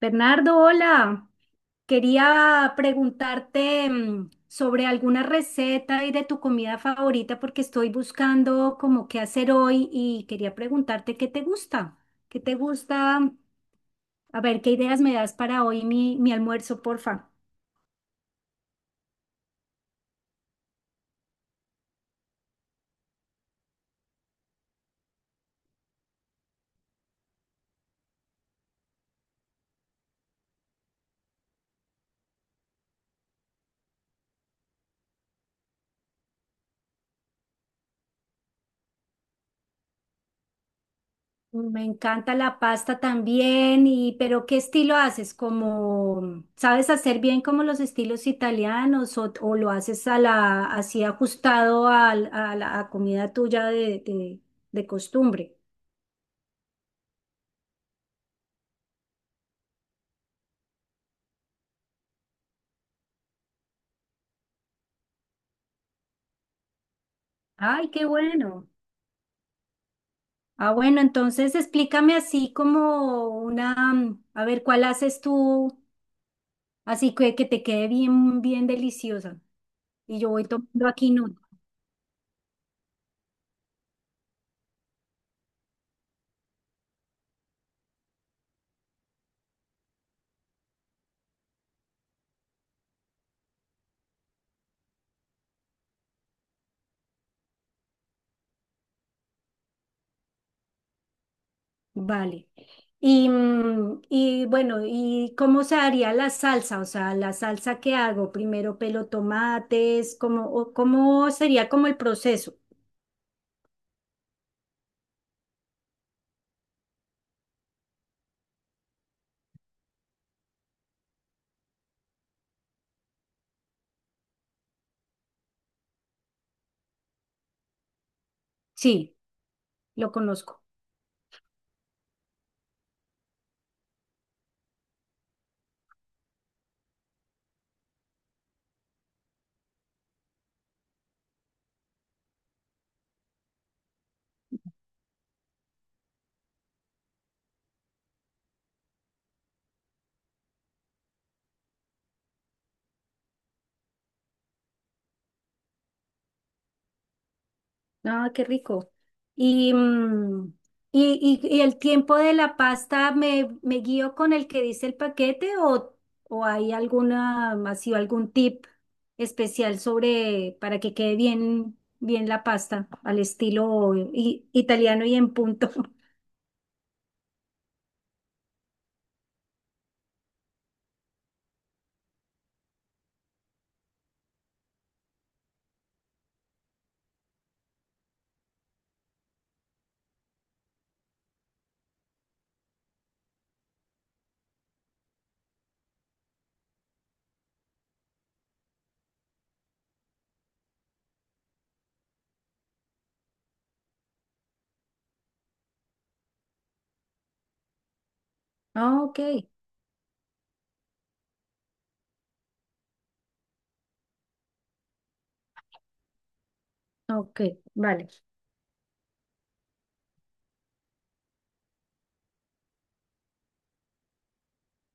Bernardo, hola. Quería preguntarte sobre alguna receta y de tu comida favorita porque estoy buscando como qué hacer hoy y quería preguntarte qué te gusta. ¿Qué te gusta? A ver, ¿qué ideas me das para hoy mi almuerzo, porfa? Me encanta la pasta también, y pero ¿qué estilo haces? ¿Como sabes hacer bien como los estilos italianos o lo haces a la, así ajustado al- a, la a comida tuya de costumbre? Ay, qué bueno. Ah, bueno, entonces explícame así como una, a ver, ¿cuál haces tú así que te quede bien, bien deliciosa? Y yo voy tomando aquí. Vale. Y bueno, ¿y cómo se haría la salsa? O sea, la salsa que hago, primero pelo tomates, ¿cómo, o cómo sería como el proceso? Sí, lo conozco. Ah, qué rico. Y, mm, y el tiempo de la pasta, ¿me, me guío con el que dice el paquete o hay alguna, ha sido algún tip especial sobre para que quede bien, bien la pasta al estilo italiano y en punto? Ah, ok, ok, vale.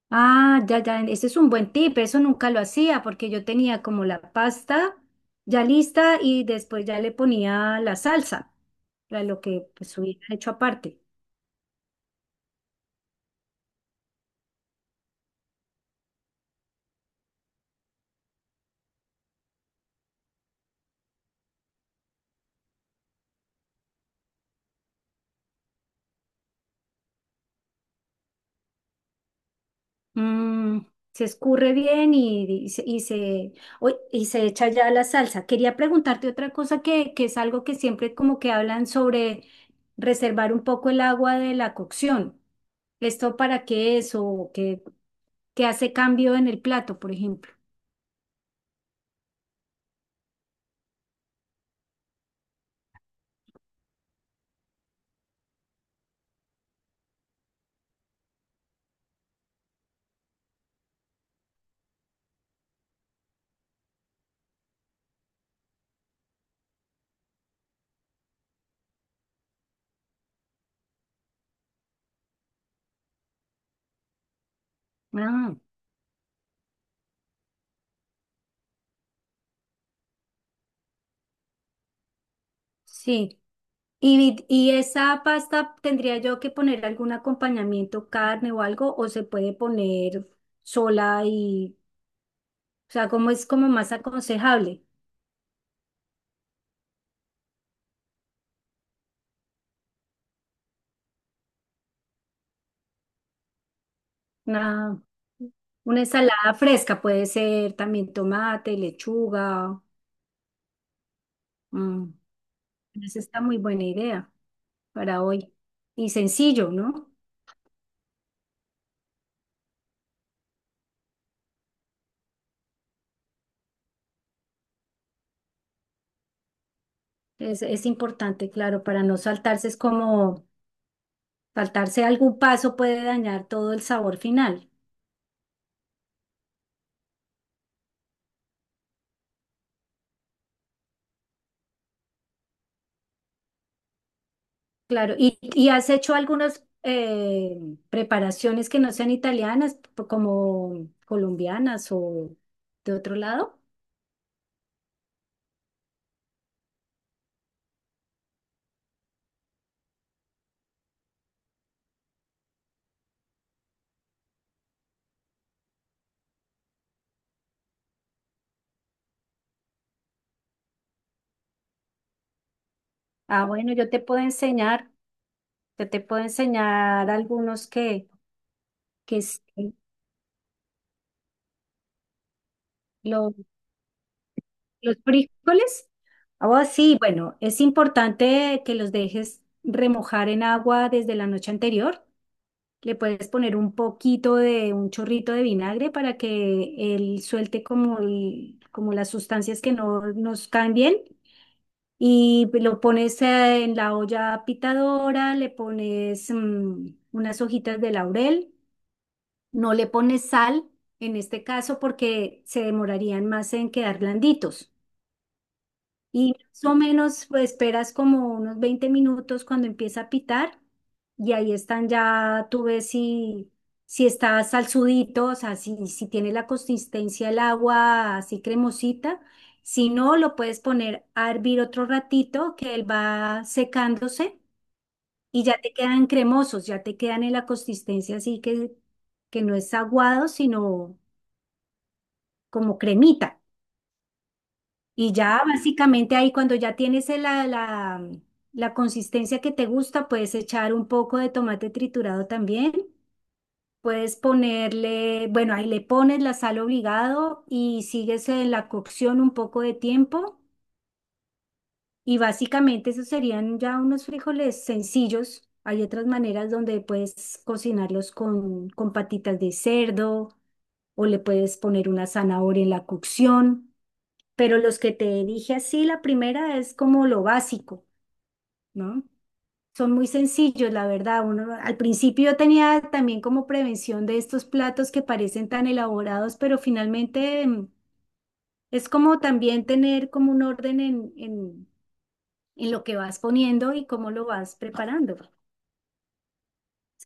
Ah, ya, ya, ese es un buen tip, eso nunca lo hacía porque yo tenía como la pasta ya lista y después ya le ponía la salsa. Lo que pues hubiera hecho aparte. Mm, se escurre bien y se uy, y se echa ya la salsa. Quería preguntarte otra cosa que es algo que siempre como que hablan sobre reservar un poco el agua de la cocción. ¿Esto para qué es o qué, qué hace cambio en el plato, por ejemplo? Ah, sí. Y esa pasta tendría yo que poner algún acompañamiento, carne o algo, o se puede poner sola y... O sea, cómo es como más aconsejable. Una, una ensalada fresca puede ser también tomate, lechuga. mm, Esa está muy buena idea para hoy. Y sencillo, ¿no? Es importante, claro, para no saltarse, es como saltarse algún paso puede dañar todo el sabor final. Claro, y has hecho algunas preparaciones que no sean italianas, como colombianas o de otro lado. Ah, bueno, yo te puedo enseñar, yo te puedo enseñar algunos que, que es- los, los frijoles. Ah, sí, bueno, es importante que los dejes remojar en agua desde la noche anterior. Le puedes poner un poquito de un chorrito de vinagre para que él suelte como, como las sustancias que no nos caen bien. Y lo pones en la olla pitadora, le pones unas hojitas de laurel. No le pones sal en este caso porque se demorarían más en quedar blanditos. Y más o menos pues, esperas como unos 20 minutos cuando empieza a pitar y ahí están ya, tú ves si, si está salsudito, o sea, si, si tiene la consistencia el agua así cremosita. Si no, lo puedes poner a hervir otro ratito que él va secándose y ya te quedan cremosos, ya te quedan en la consistencia así que no es aguado, sino como cremita. Y ya básicamente ahí cuando ya tienes la consistencia que te gusta, puedes echar un poco de tomate triturado también. Puedes ponerle, bueno, ahí le pones la sal obligado y sigues en la cocción un poco de tiempo. Y básicamente esos serían ya unos frijoles sencillos. Hay otras maneras donde puedes cocinarlos con patitas de cerdo o le puedes poner una zanahoria en la cocción. Pero los que te dije así, la primera es como lo básico, ¿no? Son muy sencillos, la verdad. Uno, al principio yo tenía también como prevención de estos platos que parecen tan elaborados, pero finalmente es como también tener como un orden en lo que vas poniendo y cómo lo vas preparando.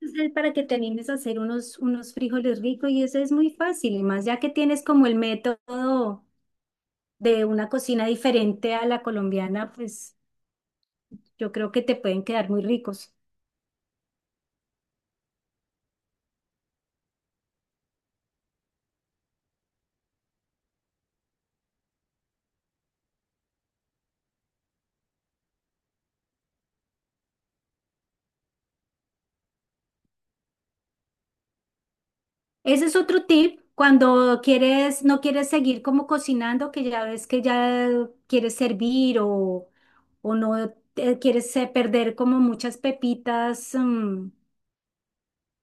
Entonces, es para que te animes a hacer unos, unos frijoles ricos y eso es muy fácil. Y más ya que tienes como el método de una cocina diferente a la colombiana, pues yo creo que te pueden quedar muy ricos. Ese es otro tip. Cuando quieres, no quieres seguir como cocinando, que ya ves que ya quieres servir o no te- quieres perder como muchas pepitas mm,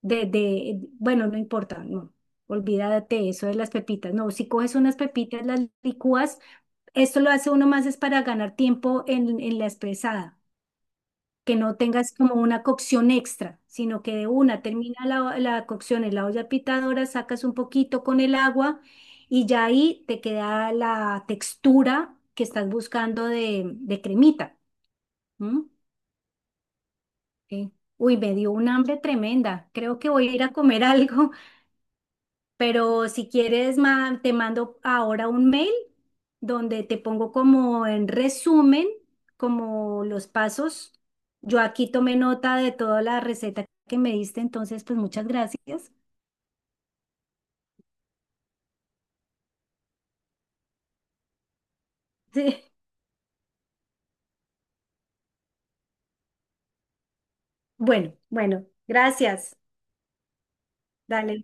de, de, bueno, no importa, no. Olvídate eso de las pepitas. No, si coges unas pepitas, las licúas, esto lo hace uno más es para ganar tiempo en la espesada. Que no tengas como una cocción extra, sino que de una termina la cocción en la olla pitadora, sacas un poquito con el agua y ya ahí te queda la textura que estás buscando de cremita. ¿M? Sí. Uy, me dio un hambre tremenda. Creo que voy a ir a comer algo. Pero si quieres, te mando ahora un mail donde te pongo como en resumen, como los pasos. Yo aquí tomé nota de toda la receta que me diste, entonces pues muchas gracias. Sí. Bueno, bueno, gracias. Dale.